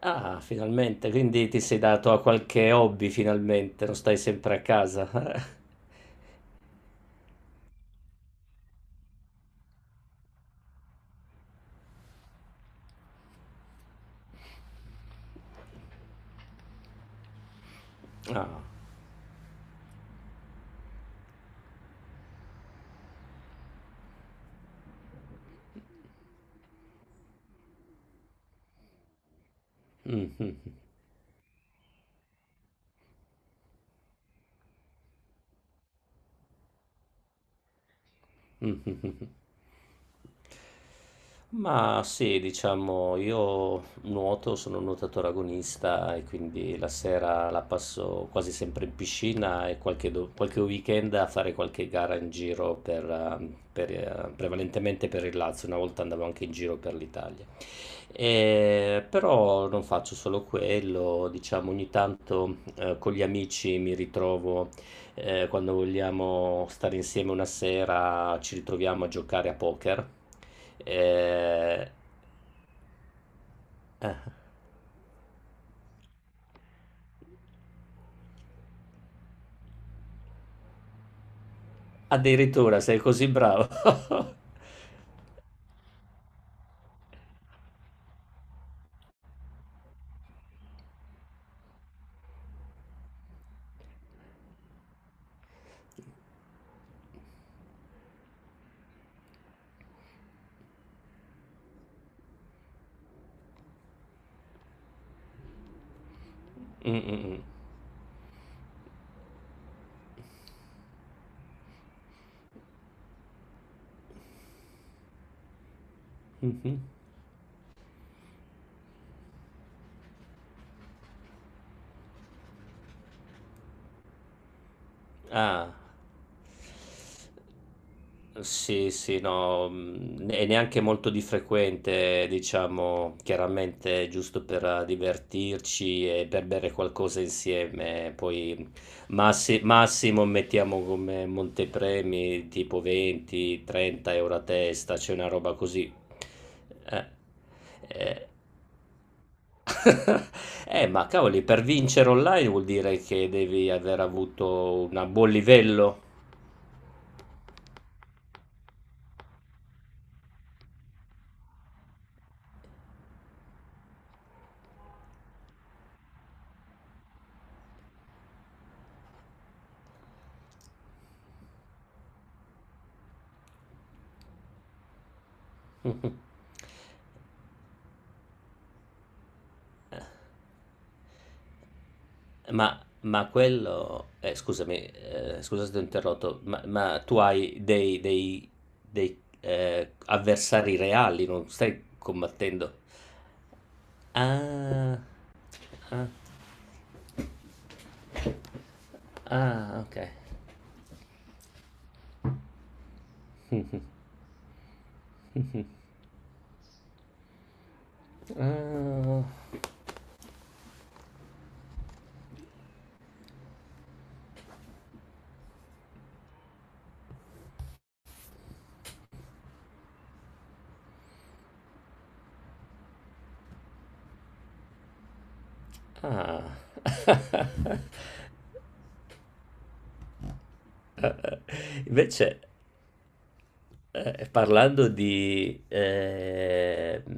Ah, finalmente, quindi ti sei dato a qualche hobby finalmente, non stai sempre a casa. Ah. Mhm. Mhm. Ma sì, diciamo, io nuoto, sono un nuotatore agonista e quindi la sera la passo quasi sempre in piscina e qualche weekend a fare qualche gara in giro prevalentemente per il Lazio. Una volta andavo anche in giro per l'Italia. Però non faccio solo quello, diciamo ogni tanto con gli amici mi ritrovo quando vogliamo stare insieme una sera, ci ritroviamo a giocare a poker. Eh, addirittura sei così bravo. Mm, mm, mm. Mhm. Ah. Sì, sì, no, e neanche molto di frequente, diciamo, chiaramente giusto per divertirci e per bere qualcosa insieme. Poi massimo mettiamo come montepremi tipo 20-30 euro a testa, c'è una roba così. Eh, eh. Ma cavoli, per vincere online vuol dire che devi aver avuto un buon livello. Ma quello scusami, scusa se ti ho interrotto, ma tu hai dei avversari reali, non stai combattendo ah, ah, ah, okay. Mh-mh, mh-mh. Ah, ah. Invece Eh, parlando di, eh, mh,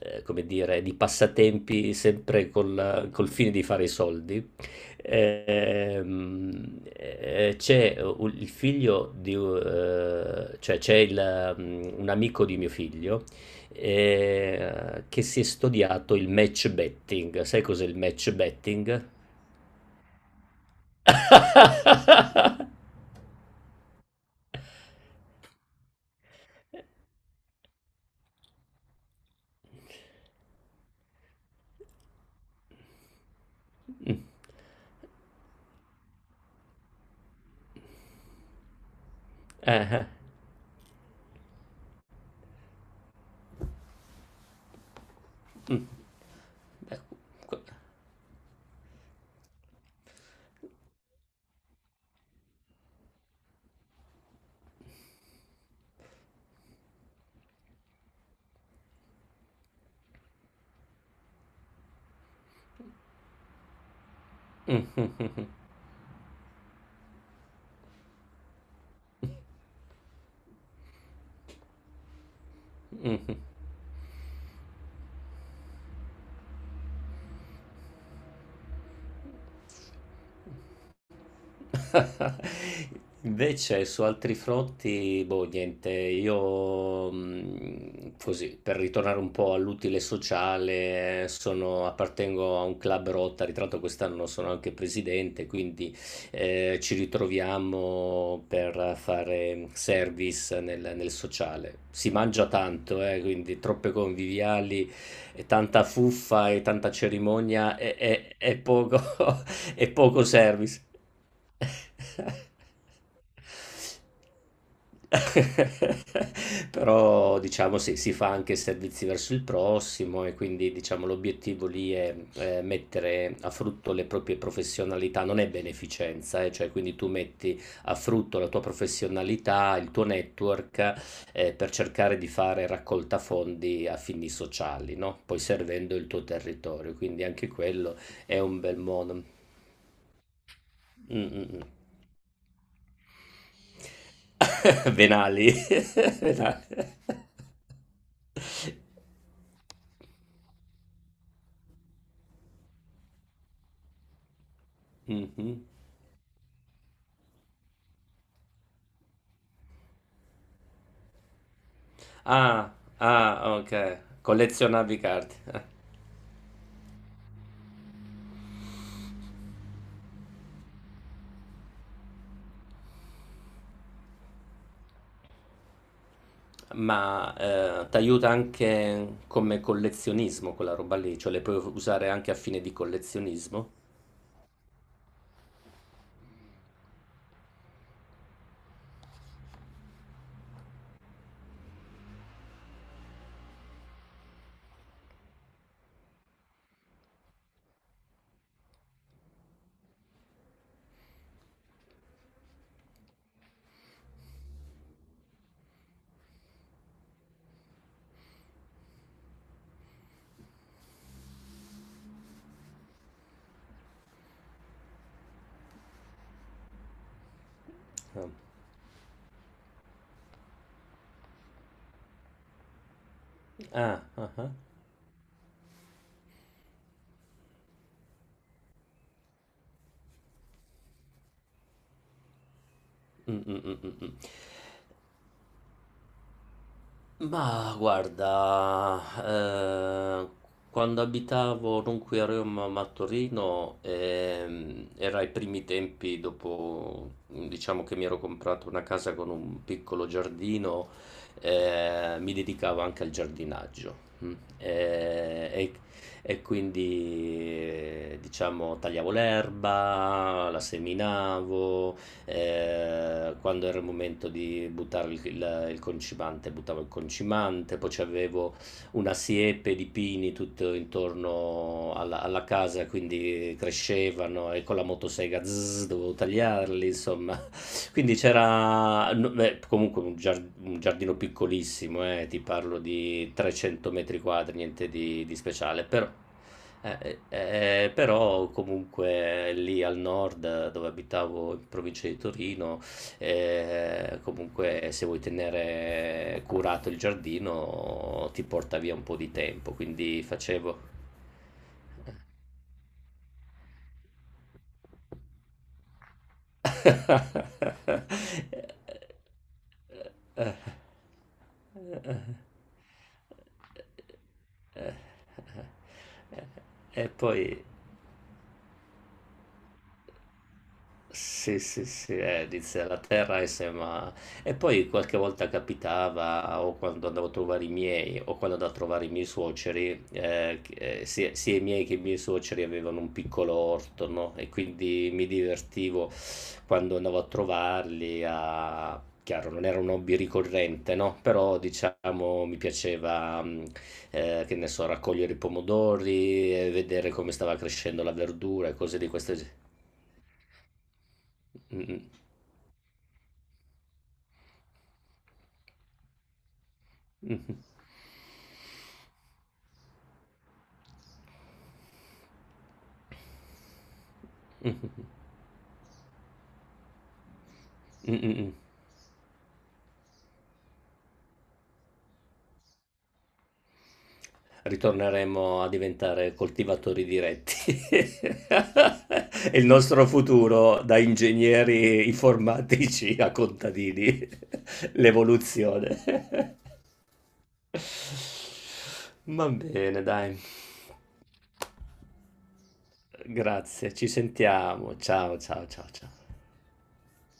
eh, come dire, di passatempi sempre col fine di fare i soldi, c'è il figlio di, cioè c'è un amico di mio figlio che si è studiato il match betting. Sai cos'è il match betting? Mm, eh, eh, mm, eh, que- mm, mm. Invece su altri fronti, boh, niente, io così, per ritornare un po' all'utile sociale, sono, appartengo a un club Rotary, tra l'altro quest'anno sono anche presidente, quindi ci ritroviamo per fare service nel sociale. Si mangia tanto, quindi troppe conviviali, e tanta fuffa e tanta cerimonia e poco, e poco service. Però diciamo si fa anche servizi verso il prossimo e quindi diciamo l'obiettivo lì è, mettere a frutto le proprie professionalità, non è beneficenza, cioè quindi tu metti a frutto la tua professionalità, il tuo network per cercare di fare raccolta fondi a fini sociali, no? Poi servendo il tuo territorio, quindi anche quello è un bel modo. Mm, mm, mm. Venali. Venali. Mhm. Ah, ah, ok. Collezionavi carte. Ma ti aiuta anche come collezionismo quella roba lì, cioè le puoi usare anche a fine di collezionismo. Ah, ah, ah, ah. Mm, mm, mm, mm, mm. Ma guarda, quando abitavo non qui a Roma ma a Torino, era ai primi tempi dopo, diciamo che mi ero comprato una casa con un piccolo giardino, mi dedicavo anche al giardinaggio. Mm. Eh, e, e quindi, diciamo, tagliavo l'erba, la seminavo, quando era il momento di buttare il concimante, buttavo il concimante, poi c'avevo una siepe di pini tutto intorno alla casa, quindi crescevano e con la motosega zzz, dovevo tagliarli, insomma. Quindi c'era no, beh, comunque un, un giardino piccolissimo, ti parlo di 300 metri quadri, niente di speciale, però... però comunque lì al nord dove abitavo in provincia di Torino comunque se vuoi tenere curato il giardino ti porta via un po' di tempo, quindi facevo... E poi... Sì, sì, sì, dice la terra e sembra... E poi qualche volta capitava, o quando andavo a trovare i miei, o quando andavo a trovare i miei suoceri, sia, sia i miei che i miei suoceri avevano un piccolo orto, no? E quindi mi divertivo quando andavo a trovarli a... Chiaro, non era un hobby ricorrente, no? Però, diciamo, mi piaceva, mm, che ne so, raccogliere i pomodori, vedere come stava crescendo la verdura e cose di questo genere. Mh-mh. Mh-mh-mh. Mh-mh-mh. Ritorneremo a diventare coltivatori diretti. E il nostro futuro da ingegneri informatici a contadini. L'evoluzione. Va bene dai. Grazie, ci sentiamo. Ciao, ciao, ciao, ciao.